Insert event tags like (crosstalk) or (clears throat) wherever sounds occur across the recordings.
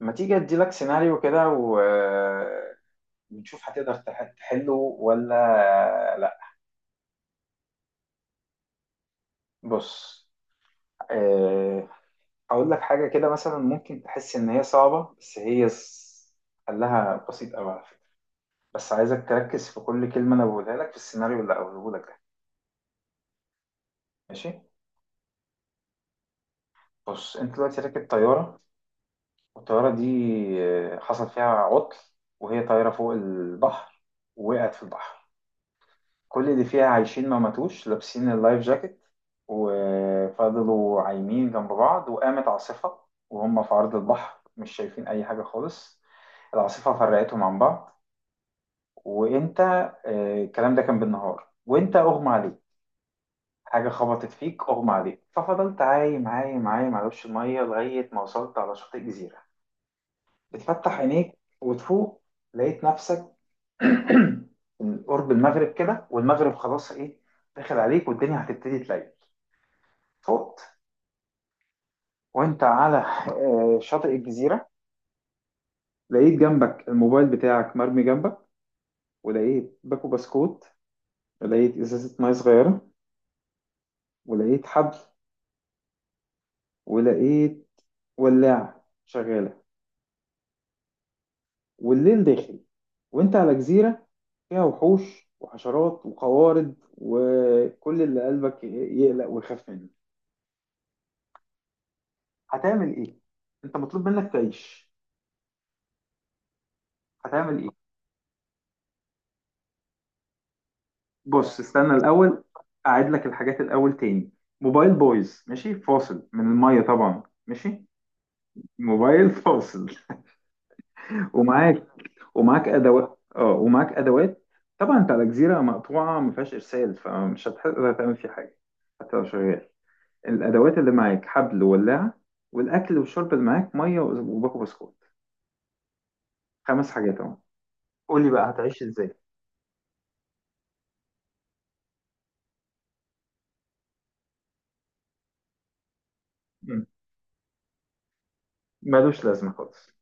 ما تيجي اديلك سيناريو كده ونشوف هتقدر تحله ولا لا. بص. آه، هقول لك حاجة كده مثلا ممكن تحس ان هي صعبة بس حلها بسيط قوي على فكرة. بس عايزك تركز في كل كلمة انا بقولها لك في السيناريو اللي هقوله لك ده. ماشي. بص انت دلوقتي راكب طيارة، والطيارة دي حصل فيها عطل وهي طايرة فوق البحر. وقعت في البحر. كل اللي فيها عايشين ما ماتوش، لابسين اللايف جاكيت وفضلوا عايمين جنب بعض، وقامت عاصفة وهم في عرض البحر مش شايفين أي حاجة خالص. العاصفة فرقتهم عن بعض. وأنت الكلام ده كان بالنهار، وأنت أغمى عليك. حاجة خبطت فيك أغمى عليك، ففضلت عايم عايم عايم على وش المية لغاية ما وصلت على شاطئ جزيرة. بتفتح عينيك وتفوق، لقيت نفسك (coughs) (clears throat) قرب المغرب كده، والمغرب خلاص ايه، داخل عليك والدنيا هتبتدي تليل. فوت، وانت على شاطئ الجزيرة. لقيت جنبك الموبايل بتاعك مرمي جنبك، ولقيت باكو بسكوت، ولقيت ازازة مية صغيرة، ولقيت حبل، ولقيت ولاعة شغالة. والليل داخل، وانت على جزيرة فيها وحوش وحشرات وقوارض وكل اللي قلبك يقلق ويخاف منه. هتعمل ايه؟ انت مطلوب منك تعيش. هتعمل ايه؟ بص استنى الاول، اعيد لك الحاجات الاول تاني. موبايل بايظ، ماشي، فاصل من الميه طبعا، ماشي. موبايل (laughs) فاصل. ومعاك ومعاك ادوات، ومعاك ادوات. طبعا انت على جزيره مقطوعه ما فيهاش ارسال، فمش هتقدر تعمل فيه حاجه حتى لو شغال. الادوات اللي معاك حبل وولاعه، والاكل والشرب اللي معاك ميه وباكو بسكوت. خمس حاجات اهو. قول لي بقى هتعيش ازاي. مم. ملوش لازمه خالص.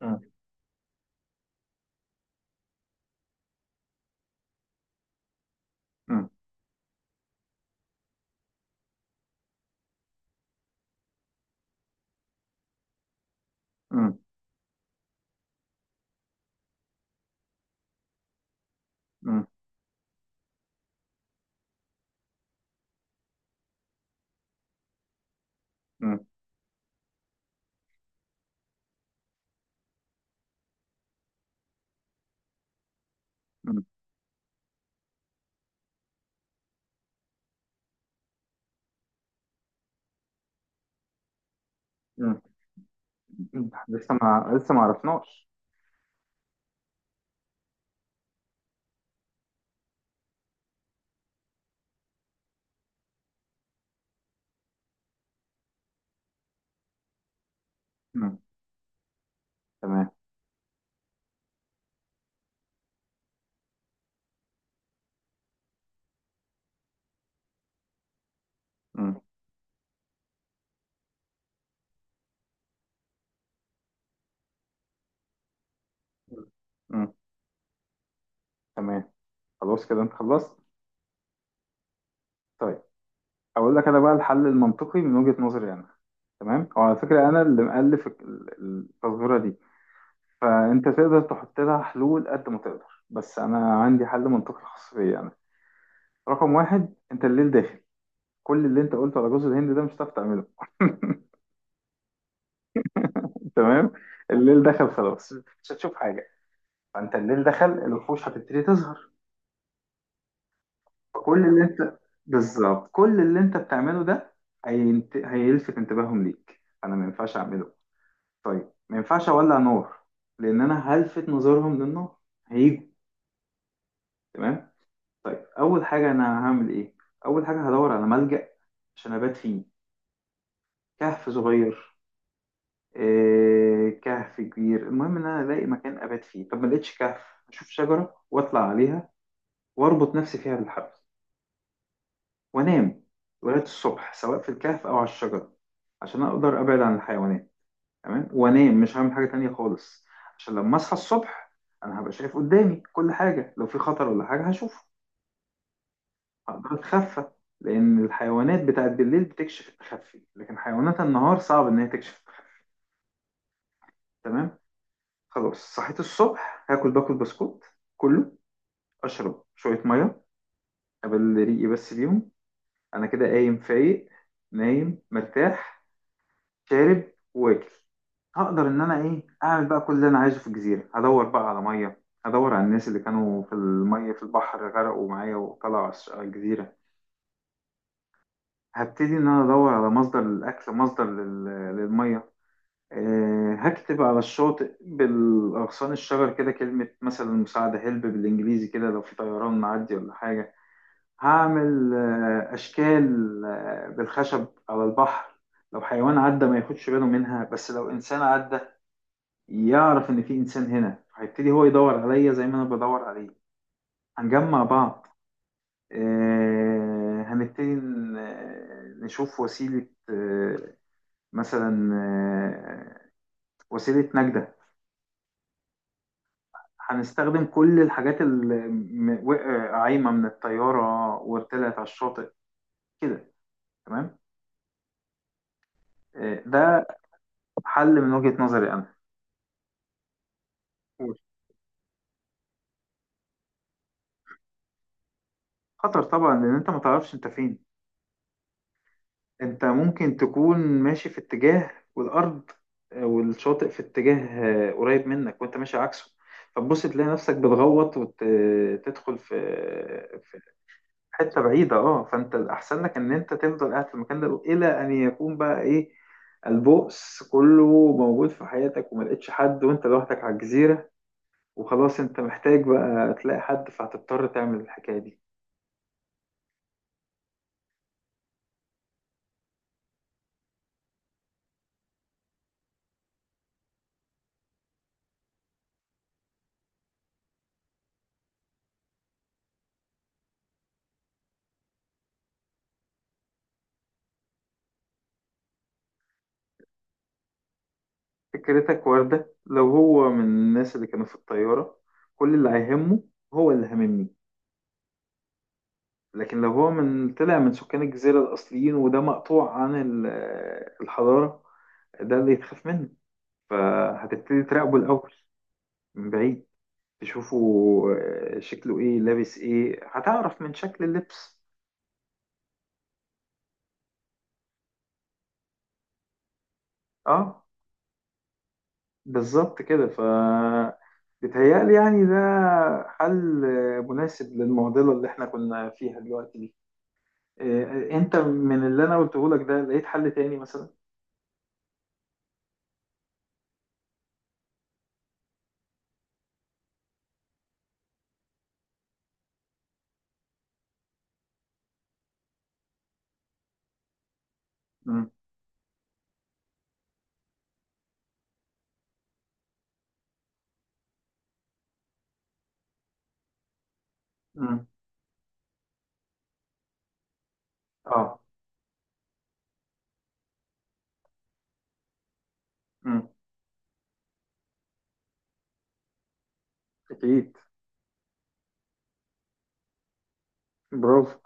مم. مم. مم. مم. مم. مم. مم. لسه ما عرفناش. مم. تمام. مم. مم. تمام. خلاص كده انت خلصت. طيب اقول لك انا بقى الحل المنطقي من وجهة نظري انا. تمام، هو على فكرة انا اللي مؤلف التظاهرة دي، فانت تقدر تحط لها حلول قد ما تقدر، بس انا عندي حل منطقي خاص بيا انا. رقم واحد، انت الليل داخل، كل اللي انت قلته على جوز الهند ده مش هتعرف تعمله. (laughs) تمام. الليل دخل خلاص، مش هتشوف حاجة. فانت الليل دخل، الوحوش هتبتدي تظهر. كل اللي انت بالظبط كل اللي انت بتعمله ده هيلفت انتباههم ليك، انا ما ينفعش اعمله. طيب ما ينفعش اولع نور، لان انا هلفت نظرهم للنار، هيجوا. تمام. طيب اول حاجه انا هعمل ايه؟ اول حاجه هدور على ملجأ عشان ابات فيه. كهف صغير، كهف كبير، المهم ان انا الاقي مكان ابات فيه. طب ما لقيتش كهف، اشوف شجره واطلع عليها واربط نفسي فيها بالحبل وانام لغايه الصبح، سواء في الكهف او على الشجره، عشان اقدر ابعد عن الحيوانات. تمام. وانام مش هعمل حاجه تانية خالص، عشان لما اصحى الصبح انا هبقى شايف قدامي كل حاجه، لو في خطر ولا حاجه هشوفه، هقدر اتخفى. لان الحيوانات بتاعت بالليل بتكشف التخفي، لكن حيوانات النهار صعب ان هي تكشف التخفي. تمام. خلاص صحيت الصبح، هاكل باكل بسكوت كله، اشرب شويه ميه قبل ريقي بس بيهم. انا كده قايم فايق، نايم مرتاح، شارب، واكل. هقدر ان انا ايه اعمل بقى كل اللي انا عايزه في الجزيره. هدور بقى على ميه، هدور على الناس اللي كانوا في الميه في البحر غرقوا معايا وطلعوا على على الجزيره. هبتدي ان انا ادور على مصدر للاكل، مصدر للميه. أه، هكتب على الشاطئ بالاغصان الشجر كده كلمه مثلا مساعده، هيلب بالانجليزي كده، لو في طيران معدي ولا حاجه. هعمل اشكال بالخشب على البحر. لو حيوان عدى ما ياخدش باله منها، بس لو انسان عدى يعرف ان في انسان هنا، هيبتدي هو يدور عليا زي ما انا بدور عليه. هنجمع بعض. هنبتدي نشوف وسيلة، مثلا وسيلة نجدة. هنستخدم كل الحاجات اللي عايمة من الطيارة وطلعت على الشاطئ كده. تمام. ده حل من وجهة نظري أنا. خطر طبعا، لأن أنت ما تعرفش أنت فين. انت ممكن تكون ماشي في اتجاه، والارض والشاطئ في اتجاه قريب منك، وانت ماشي عكسه. فتبص تلاقي نفسك بتغوط وتدخل في في حته بعيده، اه. فانت الاحسن لك ان انت تفضل قاعد في المكان ده، الى ان يكون بقى ايه البؤس كله موجود في حياتك، وما لقيتش حد، وانت لوحدك على الجزيره، وخلاص انت محتاج بقى تلاقي حد، فهتضطر تعمل الحكايه دي. فكرتك وردة، لو هو من الناس اللي كانوا في الطيارة، كل اللي هيهمه هو اللي هاممني. لكن لو هو من طلع من سكان الجزيرة الأصليين، وده مقطوع عن الحضارة، ده اللي يتخاف منه. فهتبتدي تراقبه الأول من بعيد، تشوفه، شكله إيه، لابس إيه، هتعرف من شكل اللبس. أه، بالظبط كده. ف بيتهيألي يعني ده حل مناسب للمعضلة اللي إحنا كنا فيها دلوقتي دي. إيه، انت من اللي انا قلته لك ده لقيت حل تاني مثلا؟ امم. امم. اه. امم. اكيد. برافو.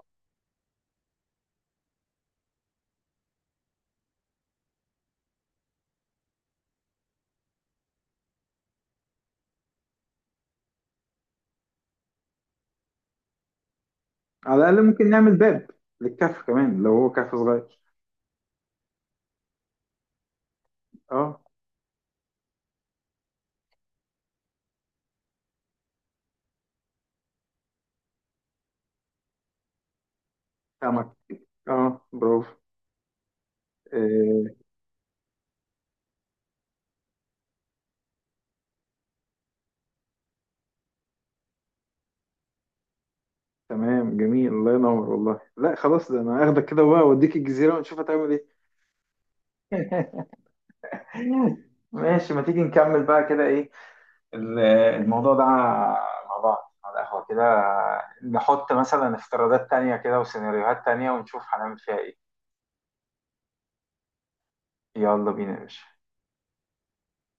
على الاقل ممكن نعمل باب للكهف كمان لو هو كهف صغير. اه. سمك. اه، برافو. إيه. تمام جميل. الله ينور والله. لا، خلاص ده انا هاخدك كده بقى واوديك الجزيره ونشوف هتعمل ايه. (laughs) ماشي، ما تيجي نكمل بقى كده ايه ال- الموضوع ده مع بعض على القهوة كده، نحط مثلا افتراضات تانية كده وسيناريوهات تانية ونشوف هنعمل فيها ايه. يلا بينا يا باشا.